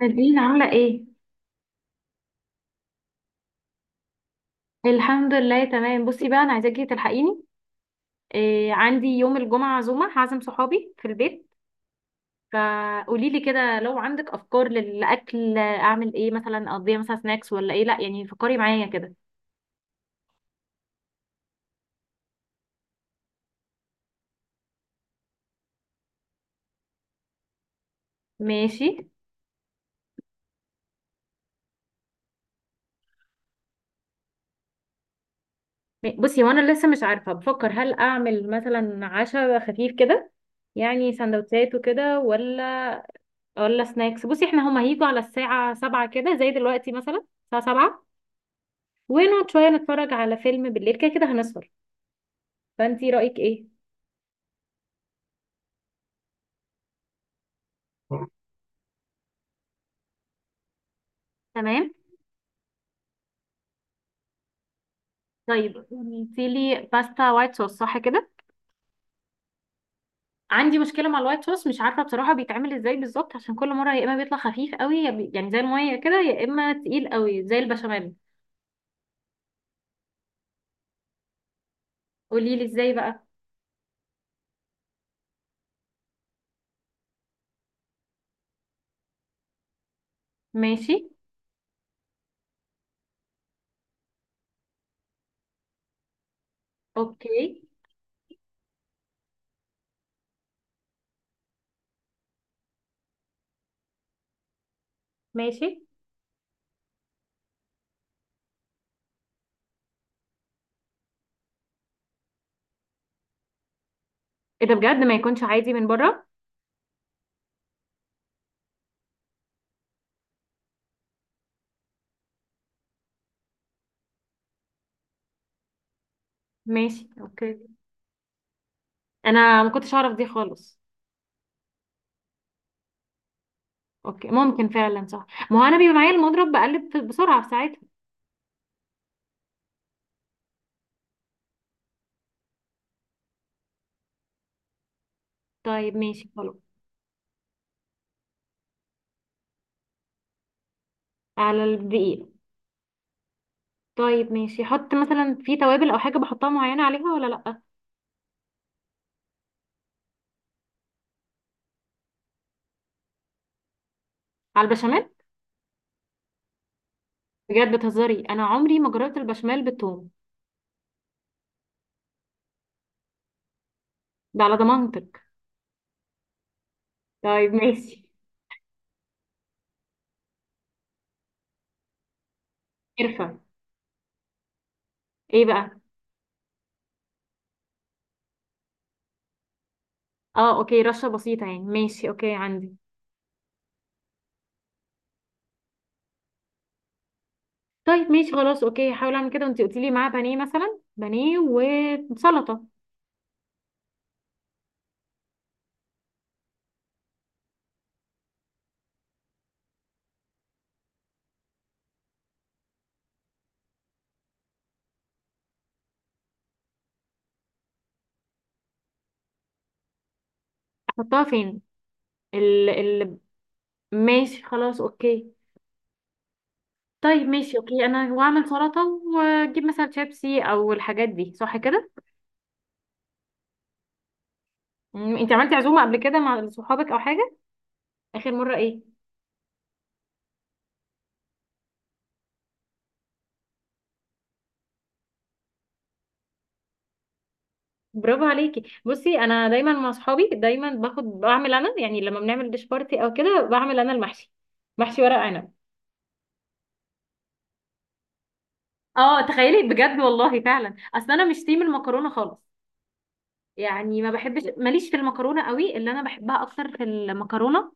نادين عاملة ايه؟ الحمد لله تمام. بصي بقى، انا عايزاكي تلحقيني. إيه، عندي يوم الجمعة عزومة، هعزم صحابي في البيت. فقولي لي كده، لو عندك افكار للاكل، اعمل ايه مثلا؟ اقضيها مثلا سناكس ولا ايه؟ لا يعني فكري معايا كده. ماشي. بصي، وانا لسه مش عارفة، بفكر هل اعمل مثلا عشاء خفيف كده، يعني سندوتشات وكده، ولا سناكس. بصي احنا هما هيجوا على الساعة سبعة كده، زي دلوقتي مثلا الساعة سبعة. ونقعد شوية نتفرج على فيلم بالليل، كده كده هنسهر. فانتي رأيك ايه؟ تمام. طيب قلتي لي باستا وايت صوص، صح كده؟ عندي مشكله مع الوايت صوص، مش عارفه بصراحه بيتعمل ازاي بالظبط، عشان كل مره يا اما بيطلع خفيف قوي، يا يعني زي الميه كده، يا اما تقيل قوي زي البشاميل. قولي لي ازاي بقى. ماشي. اوكي. ماشي. ايه ده بجد؟ ما يكونش عادي من بره؟ ماشي اوكي. انا ما كنتش اعرف دي خالص. اوكي ممكن فعلا صح، ما هو انا بيبقى معايا المضرب بقلب بسرعه في ساعتها. طيب ماشي خلاص. على الدقيق. طيب ماشي، حط مثلا في توابل او حاجه بحطها معينه عليها ولا لا؟ على البشاميل؟ بجد بتهزري؟ انا عمري ما جربت البشاميل بالثوم. ده على ضمانتك. طيب ماشي. قرفه؟ ايه بقى؟ اه اوكي، رشه بسيطه يعني؟ ماشي اوكي عندي. طيب ماشي خلاص. اوكي، هحاول اعمل كده، وانتي قلتي لي معاه بانيه مثلا، بانيه وسلطه. احطها فين؟ ال ال ماشي خلاص اوكي. طيب ماشي اوكي، انا واعمل سلطه، واجيب مثلا شيبسي او الحاجات دي، صح كده؟ انت عملتي عزومه قبل كده مع صحابك او حاجه؟ اخر مره ايه؟ برافو عليكي. بصي انا دايما مع اصحابي، دايما باخد بعمل انا يعني، لما بنعمل ديش بارتي او كده، بعمل انا المحشي، محشي ورق عنب. اه تخيلي بجد، والله فعلا. اصل انا مش تيم المكرونه خالص، يعني ما بحبش، ماليش في المكرونه قوي. اللي انا بحبها اكتر في المكرونه،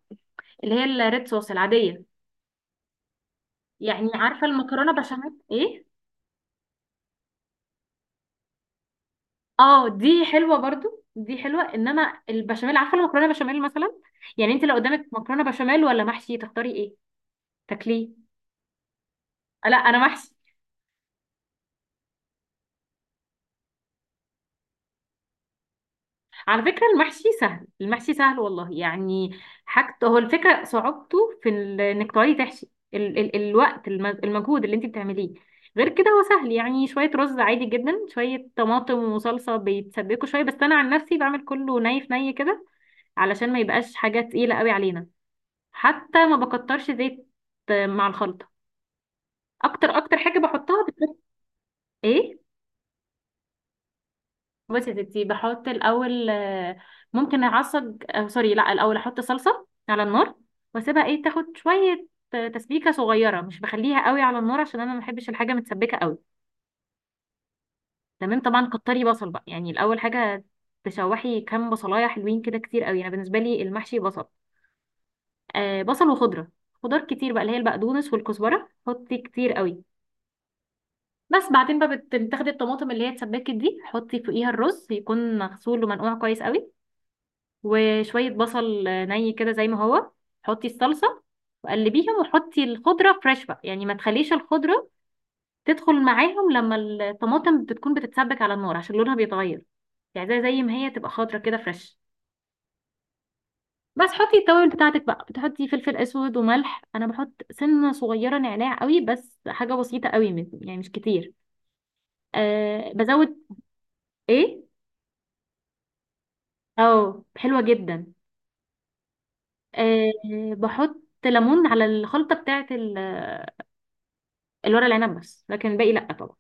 اللي هي الريد صوص العاديه. يعني عارفه المكرونه بشاميل ايه؟ اه دي حلوه برضو، دي حلوه، انما البشاميل، عارفه المكرونه بشاميل مثلا. يعني انت لو قدامك مكرونه بشاميل ولا محشي، تختاري ايه؟ تاكليه؟ لا انا محشي. على فكره المحشي سهل، المحشي سهل والله يعني. حاجته هو الفكره صعوبته انك تقعدي تحشي، ال ال الوقت، المجهود اللي انت بتعمليه. غير كده هو سهل يعني، شويه رز عادي جدا، شويه طماطم وصلصه بيتسبكوا شويه. بس انا عن نفسي بعمل كله ني في ني كده، علشان ما يبقاش حاجه تقيله قوي علينا. حتى ما بكترش زيت مع الخلطه. اكتر حاجه بحطها بتكون ايه؟ بصي يا ستي، بحط الاول ممكن اعصج سوري، لا الاول احط صلصه على النار، واسيبها ايه تاخد شويه تسبيكه صغيره، مش بخليها قوي على النار عشان انا ما بحبش الحاجه متسبكه قوي. تمام طبعا. كتري بصل بقى، يعني الاول حاجه تشوحي كام بصلايه حلوين كده، كتير قوي، انا بالنسبه لي المحشي بصل. آه بصل وخضره، خضار كتير بقى، اللي هي البقدونس والكزبره، حطي كتير قوي. بس بعدين بقى بتاخدي الطماطم اللي هي اتسبكت دي، حطي فوقيها الرز، يكون مغسول ومنقوع كويس قوي، وشوية بصل ني كده زي ما هو. حطي الصلصة وقلبيهم، وحطي الخضرة فريش بقى، يعني ما تخليش الخضرة تدخل معاهم لما الطماطم بتكون بتتسبك على النار عشان لونها بيتغير، يعني زي ما هي تبقى خضرة كده فريش. بس حطي التوابل بتاعتك بقى، بتحطي فلفل اسود وملح، انا بحط سنة صغيرة نعناع قوي، بس حاجة بسيطة قوي، يعني مش كتير. أه بزود. ايه؟ اه حلوة جدا. أه. بحط ليمون على الخلطة بتاعت الورق العنب بس، لكن الباقي لا طبعا.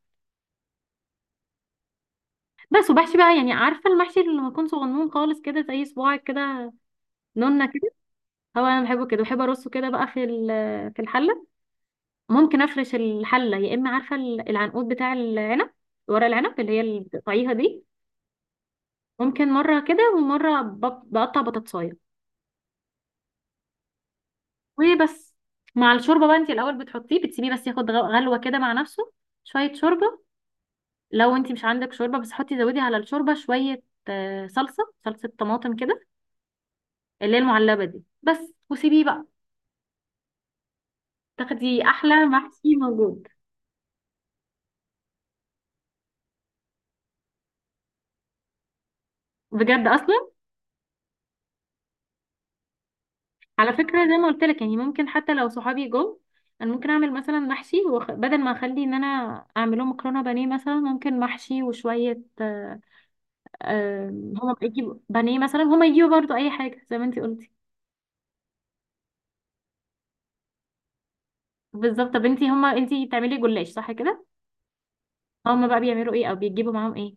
بس وبحشي بقى. يعني عارفه المحشي اللي لما يكون صغنون خالص كده، زي صباعك كده، نونه كده. هو انا بحبه كده، بحب ارصه كده بقى في الحله. ممكن افرش الحله يا اما عارفه العنقود بتاع العنب، ورق العنب اللي هي اللي بتقطعيها دي. ممكن مره كده ومره بقطع بطاطسايه. وبس مع الشوربه بقى، انت الاول بتحطيه بتسيبيه بس ياخد غلوه كده مع نفسه، شويه شوربه. لو انت مش عندك شوربه بس، حطي زودي على الشوربه شويه صلصه طماطم كده، اللي هي المعلبه دي بس. وسيبيه بقى تاخدي احلى محشي موجود. بجد اصلا. على فكره زي ما قلت لك يعني، ممكن حتى لو صحابي جو، انا ممكن اعمل مثلا محشي بدل ما اخلي ان انا اعمله مكرونه بانيه مثلا، ممكن محشي وشويه هما يجيبوا بانيه مثلا، هما يجيبوا برضو اي حاجه زي ما انتي قلتي. بالظبط. طب انتي بتعملي جلاش صح كده؟ هما بقى بيعملوا ايه او بيجيبوا معاهم ايه؟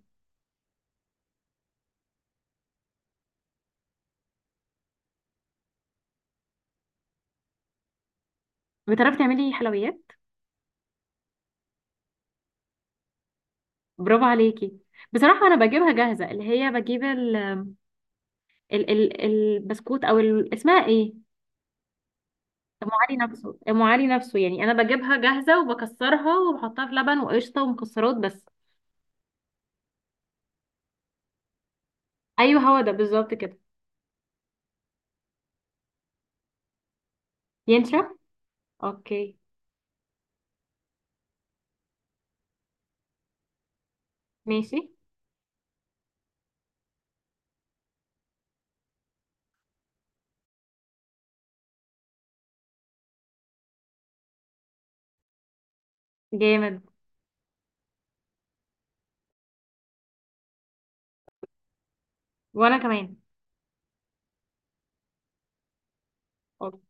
بتعرفي تعملي حلويات؟ برافو عليكي. بصراحه انا بجيبها جاهزه، اللي هي بجيب ال- ال ال البسكوت، او اسمها ايه؟ ام علي نفسه يعني، انا بجيبها جاهزه وبكسرها، وبحطها في لبن وقشطه ومكسرات بس. ايوه هو ده بالظبط كده. ينشف. اوكي. ماشي. جامد. وانا كمان. أوك.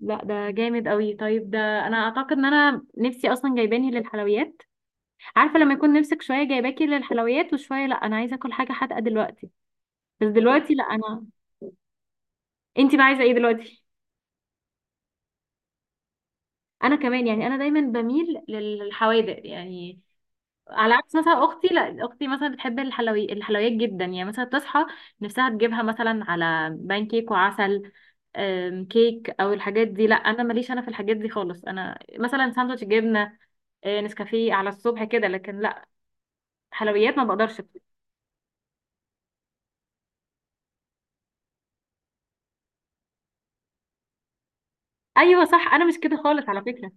لا ده جامد قوي. طيب ده انا اعتقد ان انا نفسي اصلا جايباني للحلويات. عارفه لما يكون نفسك شويه جايباكي للحلويات وشويه لا، انا عايزه اكل حاجه حادقه دلوقتي. بس دلوقتي لا انا. انتي بقى عايزه ايه دلوقتي؟ انا كمان، يعني انا دايما بميل للحوادق يعني. على عكس مثلا اختي، لا اختي مثلا بتحب الحلويات جدا يعني، مثلا تصحى نفسها تجيبها مثلا على بان كيك وعسل، كيك او الحاجات دي. لا انا ماليش انا في الحاجات دي خالص، انا مثلا ساندوتش جبنه نسكافيه على الصبح كده، لكن لا حلويات ما بقدرش. ايوه صح، انا مش كده خالص على فكره.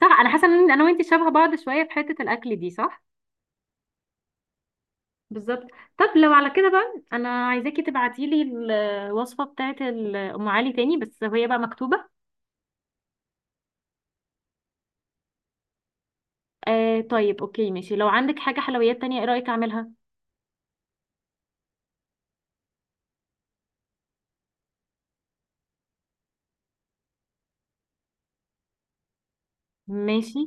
صح، انا حاسه ان انا وانتي شبه بعض شويه في حته الاكل دي، صح. بالظبط. طب لو على كده بقى، انا عايزاكي تبعتيلي الوصفه بتاعت ام علي تاني، بس هي بقى مكتوبه. آه طيب اوكي ماشي. لو عندك حاجة حلويات تانية، ايه رأيك اعملها؟ ماشي.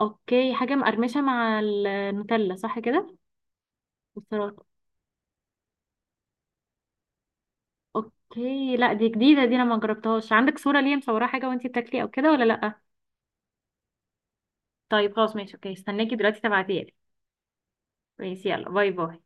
اوكي، حاجة مقرمشة مع النوتيلا صح كده؟ والسلطة. اوكي، لا دي جديدة، دي انا ما جربتهاش. عندك صورة ليا مصورة حاجة وانتي بتاكلي او كده ولا لا؟ طيب خلاص ماشي اوكي، استناكي دلوقتي تبعتيها لي. ماشي يلا، باي باي.